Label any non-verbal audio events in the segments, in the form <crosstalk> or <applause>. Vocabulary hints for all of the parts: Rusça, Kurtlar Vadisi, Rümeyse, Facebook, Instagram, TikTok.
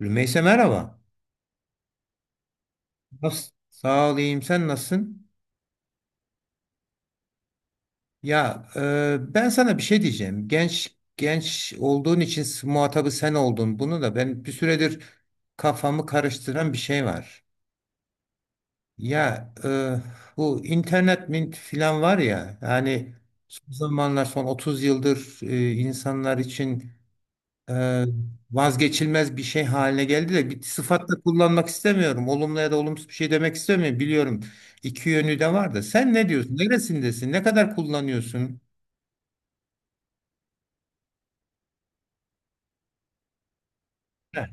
Rümeyse merhaba. Nasıl? Sağ olayım. Sen nasılsın? Ya ben sana bir şey diyeceğim. Genç genç olduğun için muhatabı sen oldun. Bunu da ben bir süredir kafamı karıştıran bir şey var. Ya bu internet mint filan var ya. Yani son zamanlar son 30 yıldır insanlar için e, vazgeçilmez bir şey haline geldi de bir sıfat da kullanmak istemiyorum. Olumlu ya da olumsuz bir şey demek istemiyorum. Biliyorum iki yönü de var da. Sen ne diyorsun? Neresindesin? Ne kadar kullanıyorsun? Heh,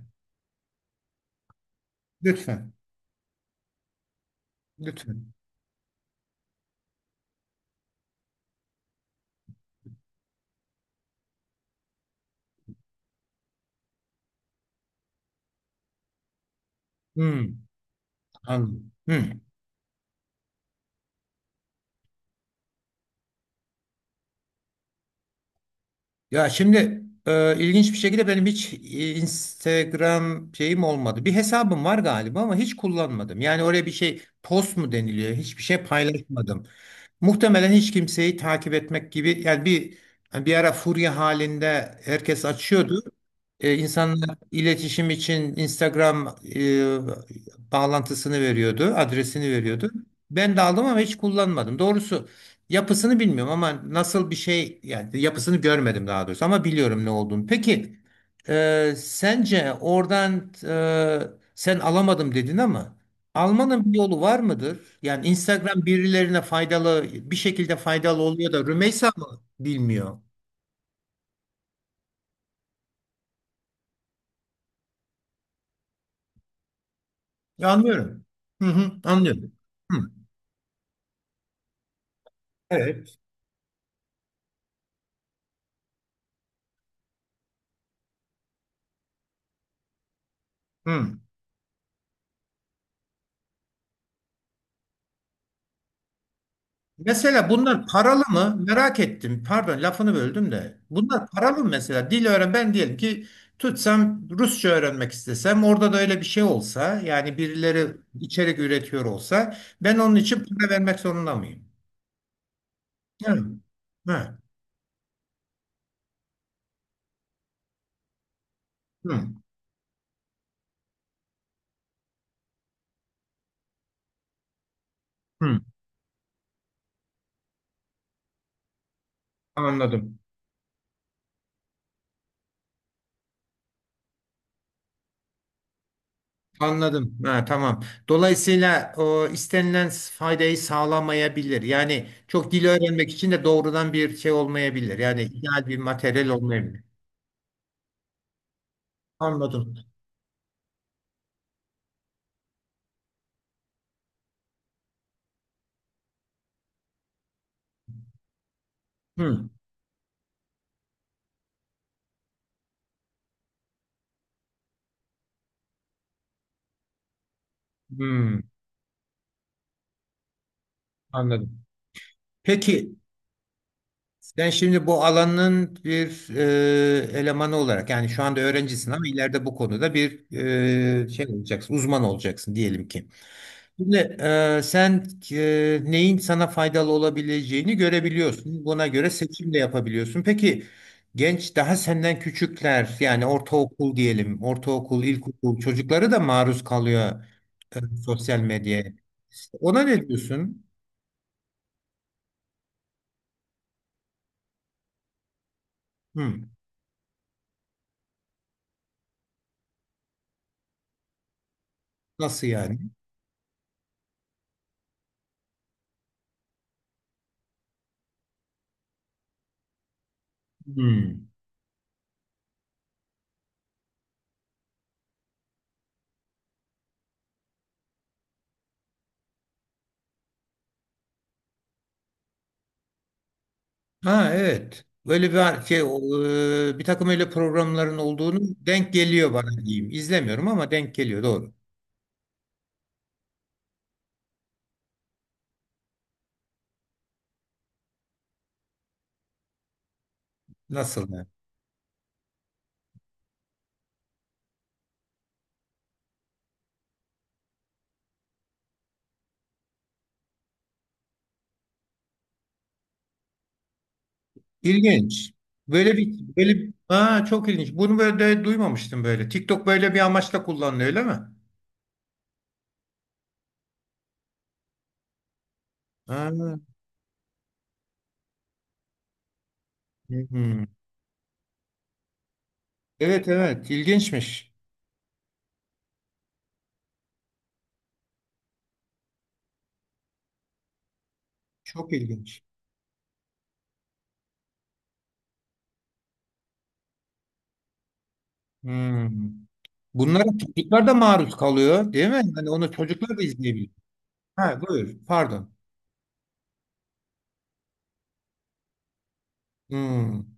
lütfen. Lütfen. Hmm, anladım. Hmm. Ya şimdi ilginç bir şekilde benim hiç Instagram şeyim olmadı. Bir hesabım var galiba ama hiç kullanmadım. Yani oraya bir şey post mu deniliyor? Hiçbir şey paylaşmadım. Muhtemelen hiç kimseyi takip etmek gibi yani bir ara furya halinde herkes açıyordu. İnsanlar iletişim için Instagram bağlantısını veriyordu, adresini veriyordu. Ben de aldım ama hiç kullanmadım. Doğrusu yapısını bilmiyorum ama nasıl bir şey yani yapısını görmedim daha doğrusu ama biliyorum ne olduğunu. Peki sence oradan sen alamadım dedin ama. Almanın bir yolu var mıdır? Yani Instagram birilerine faydalı bir şekilde faydalı oluyor da Rümeysa mı bilmiyor? Ya, anlıyorum. Hı hı, anlıyorum. Hı, evet. Hı. Mesela bunlar paralı mı? Merak ettim. Pardon lafını böldüm de. Bunlar paralı mı mesela? Dil öğren ben diyelim ki tutsam Rusça öğrenmek istesem orada da öyle bir şey olsa yani birileri içerik üretiyor olsa ben onun için para vermek zorunda mıyım? Yani. Ha. Hı. Hı. Anladım. Anladım. Ha, tamam. Dolayısıyla o istenilen faydayı sağlamayabilir. Yani çok dil öğrenmek için de doğrudan bir şey olmayabilir. Yani ideal bir materyal olmayabilir. Anladım. Hmm. Hmm. Anladım. Peki sen şimdi bu alanın bir elemanı olarak yani şu anda öğrencisin ama ileride bu konuda bir şey olacaksın, uzman olacaksın diyelim ki. Şimdi sen neyin sana faydalı olabileceğini görebiliyorsun. Buna göre seçim de yapabiliyorsun. Peki genç daha senden küçükler yani ortaokul diyelim, ortaokul, ilkokul çocukları da maruz kalıyor sosyal medyaya. İşte ona ne diyorsun? Hmm. Nasıl yani? Hmm. Ha, evet. Böyle bir şey bir takım öyle programların olduğunu denk geliyor bana diyeyim. İzlemiyorum ama denk geliyor doğru. Nasıl yani? İlginç. Böyle bir böyle ha çok ilginç. Bunu böyle de duymamıştım böyle. TikTok böyle bir amaçla kullanılıyor öyle mi? Ha. Hmm. Evet, evet, ilginçmiş. Çok ilginç. Hmm. Bunlara çocuklar da maruz kalıyor değil mi? Yani onu çocuklar da izleyebilir. Ha, buyur pardon. Hmm.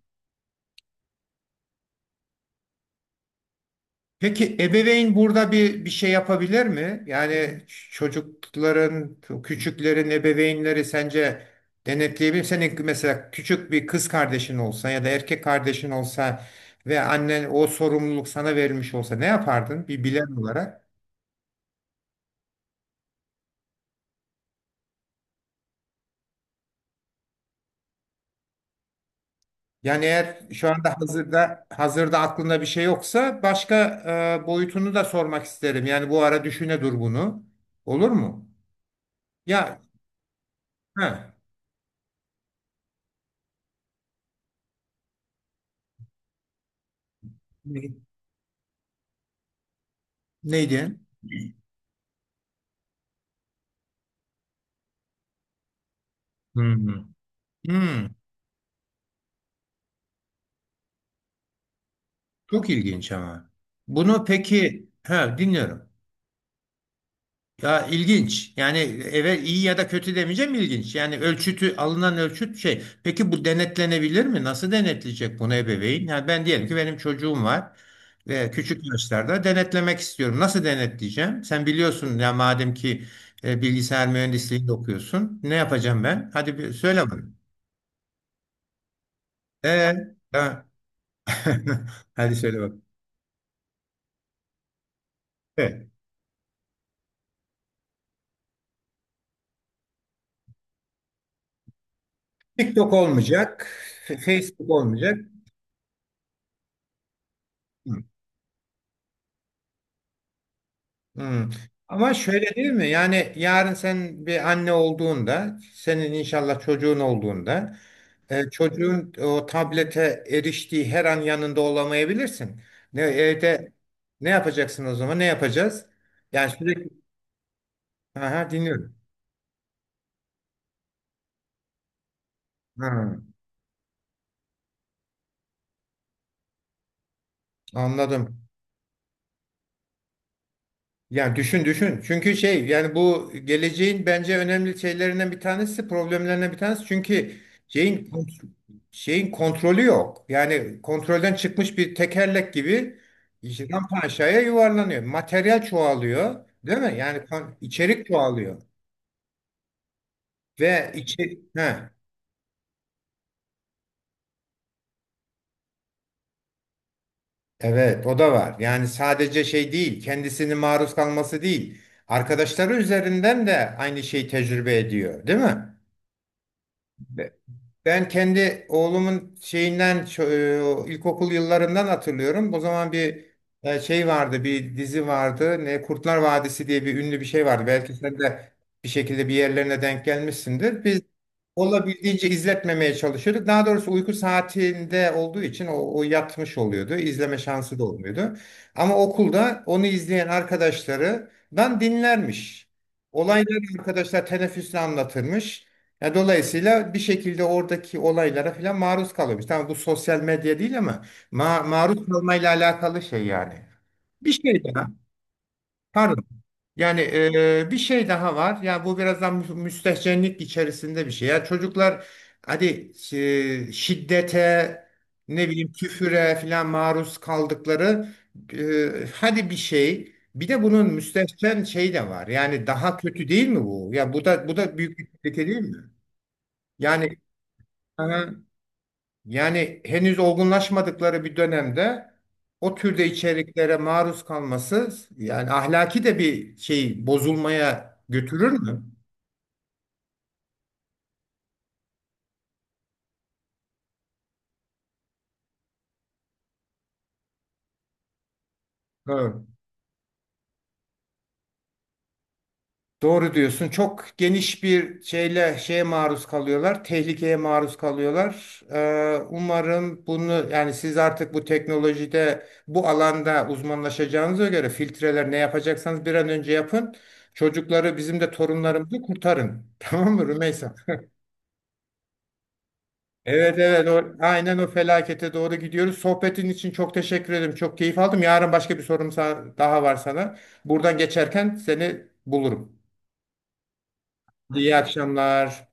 Peki ebeveyn burada bir şey yapabilir mi? Yani çocukların, küçüklerin ebeveynleri sence denetleyebilir mi? Senin mesela küçük bir kız kardeşin olsa ya da erkek kardeşin olsa ve annen o sorumluluk sana verilmiş olsa ne yapardın bir bilen olarak? Yani eğer şu anda hazırda aklında bir şey yoksa başka boyutunu da sormak isterim. Yani bu ara düşüne dur bunu. Olur mu? Ya, ha. Ne- Neydi? Hmm. Hmm, çok ilginç ama. Bunu peki, ha dinliyorum. Ya, ilginç. Yani eve iyi ya da kötü demeyeceğim ilginç. Yani ölçütü alınan ölçüt şey. Peki bu denetlenebilir mi? Nasıl denetleyecek bunu ebeveyn? Yani ben diyelim ki benim çocuğum var ve küçük yaşlarda denetlemek istiyorum. Nasıl denetleyeceğim? Sen biliyorsun ya madem ki bilgisayar mühendisliğinde okuyorsun. Ne yapacağım ben? Hadi bir söyle bana. Ee, ha. <laughs> Hadi söyle bak. Evet. TikTok olmayacak, Facebook olmayacak. Hı, hı. Ama şöyle değil mi? Yani yarın sen bir anne olduğunda, senin inşallah çocuğun olduğunda, çocuğun o tablete eriştiği her an yanında olamayabilirsin. Ne evde ne yapacaksın o zaman? Ne yapacağız? Yani sürekli aha, dinliyorum. Ha, anladım. Yani düşün düşün. Çünkü şey yani bu geleceğin bence önemli şeylerinden bir tanesi, problemlerinden bir tanesi. Çünkü şeyin kont- şeyin kontrolü yok. Yani kontrolden çıkmış bir tekerlek gibi paşaya yuvarlanıyor. Materyal çoğalıyor, değil mi? Yani içerik çoğalıyor ve ha, evet, o da var. Yani sadece şey değil, kendisini maruz kalması değil. Arkadaşları üzerinden de aynı şeyi tecrübe ediyor, değil mi? Ben kendi oğlumun şeyinden ilkokul yıllarından hatırlıyorum. O zaman bir şey vardı, bir dizi vardı. Ne Kurtlar Vadisi diye bir ünlü bir şey vardı. Belki sen de bir şekilde bir yerlerine denk gelmişsindir. Biz olabildiğince izletmemeye çalışıyorduk. Daha doğrusu uyku saatinde olduğu için o yatmış oluyordu. İzleme şansı da olmuyordu. Ama okulda onu izleyen arkadaşlarından dinlermiş. Olayları arkadaşlar teneffüsle anlatırmış. Ya dolayısıyla bir şekilde oradaki olaylara falan maruz kalıyormuş. Tamam bu sosyal medya değil ama maruz kalmayla alakalı şey yani. Bir şey daha. Pardon. Yani bir şey daha var. Ya bu biraz da müstehcenlik içerisinde bir şey. Ya çocuklar hadi şiddete, ne bileyim küfüre falan maruz kaldıkları hadi bir şey. Bir de bunun müstehcen şey de var. Yani daha kötü değil mi bu? Ya bu da büyük bir tehlike değil mi? Yani yani henüz olgunlaşmadıkları bir dönemde o türde içeriklere maruz kalması yani ahlaki de bir şey bozulmaya götürür mü? Evet. Doğru diyorsun. Çok geniş bir şeye maruz kalıyorlar. Tehlikeye maruz kalıyorlar. Umarım bunu yani siz artık bu teknolojide bu alanda uzmanlaşacağınıza göre filtreler ne yapacaksanız bir an önce yapın. Çocukları bizim de torunlarımızı kurtarın. <laughs> Tamam mı Rümeysa? Evet, evet, o, aynen o felakete doğru gidiyoruz. Sohbetin için çok teşekkür ederim. Çok keyif aldım. Yarın başka bir sorum daha var sana. Buradan geçerken seni bulurum. İyi akşamlar.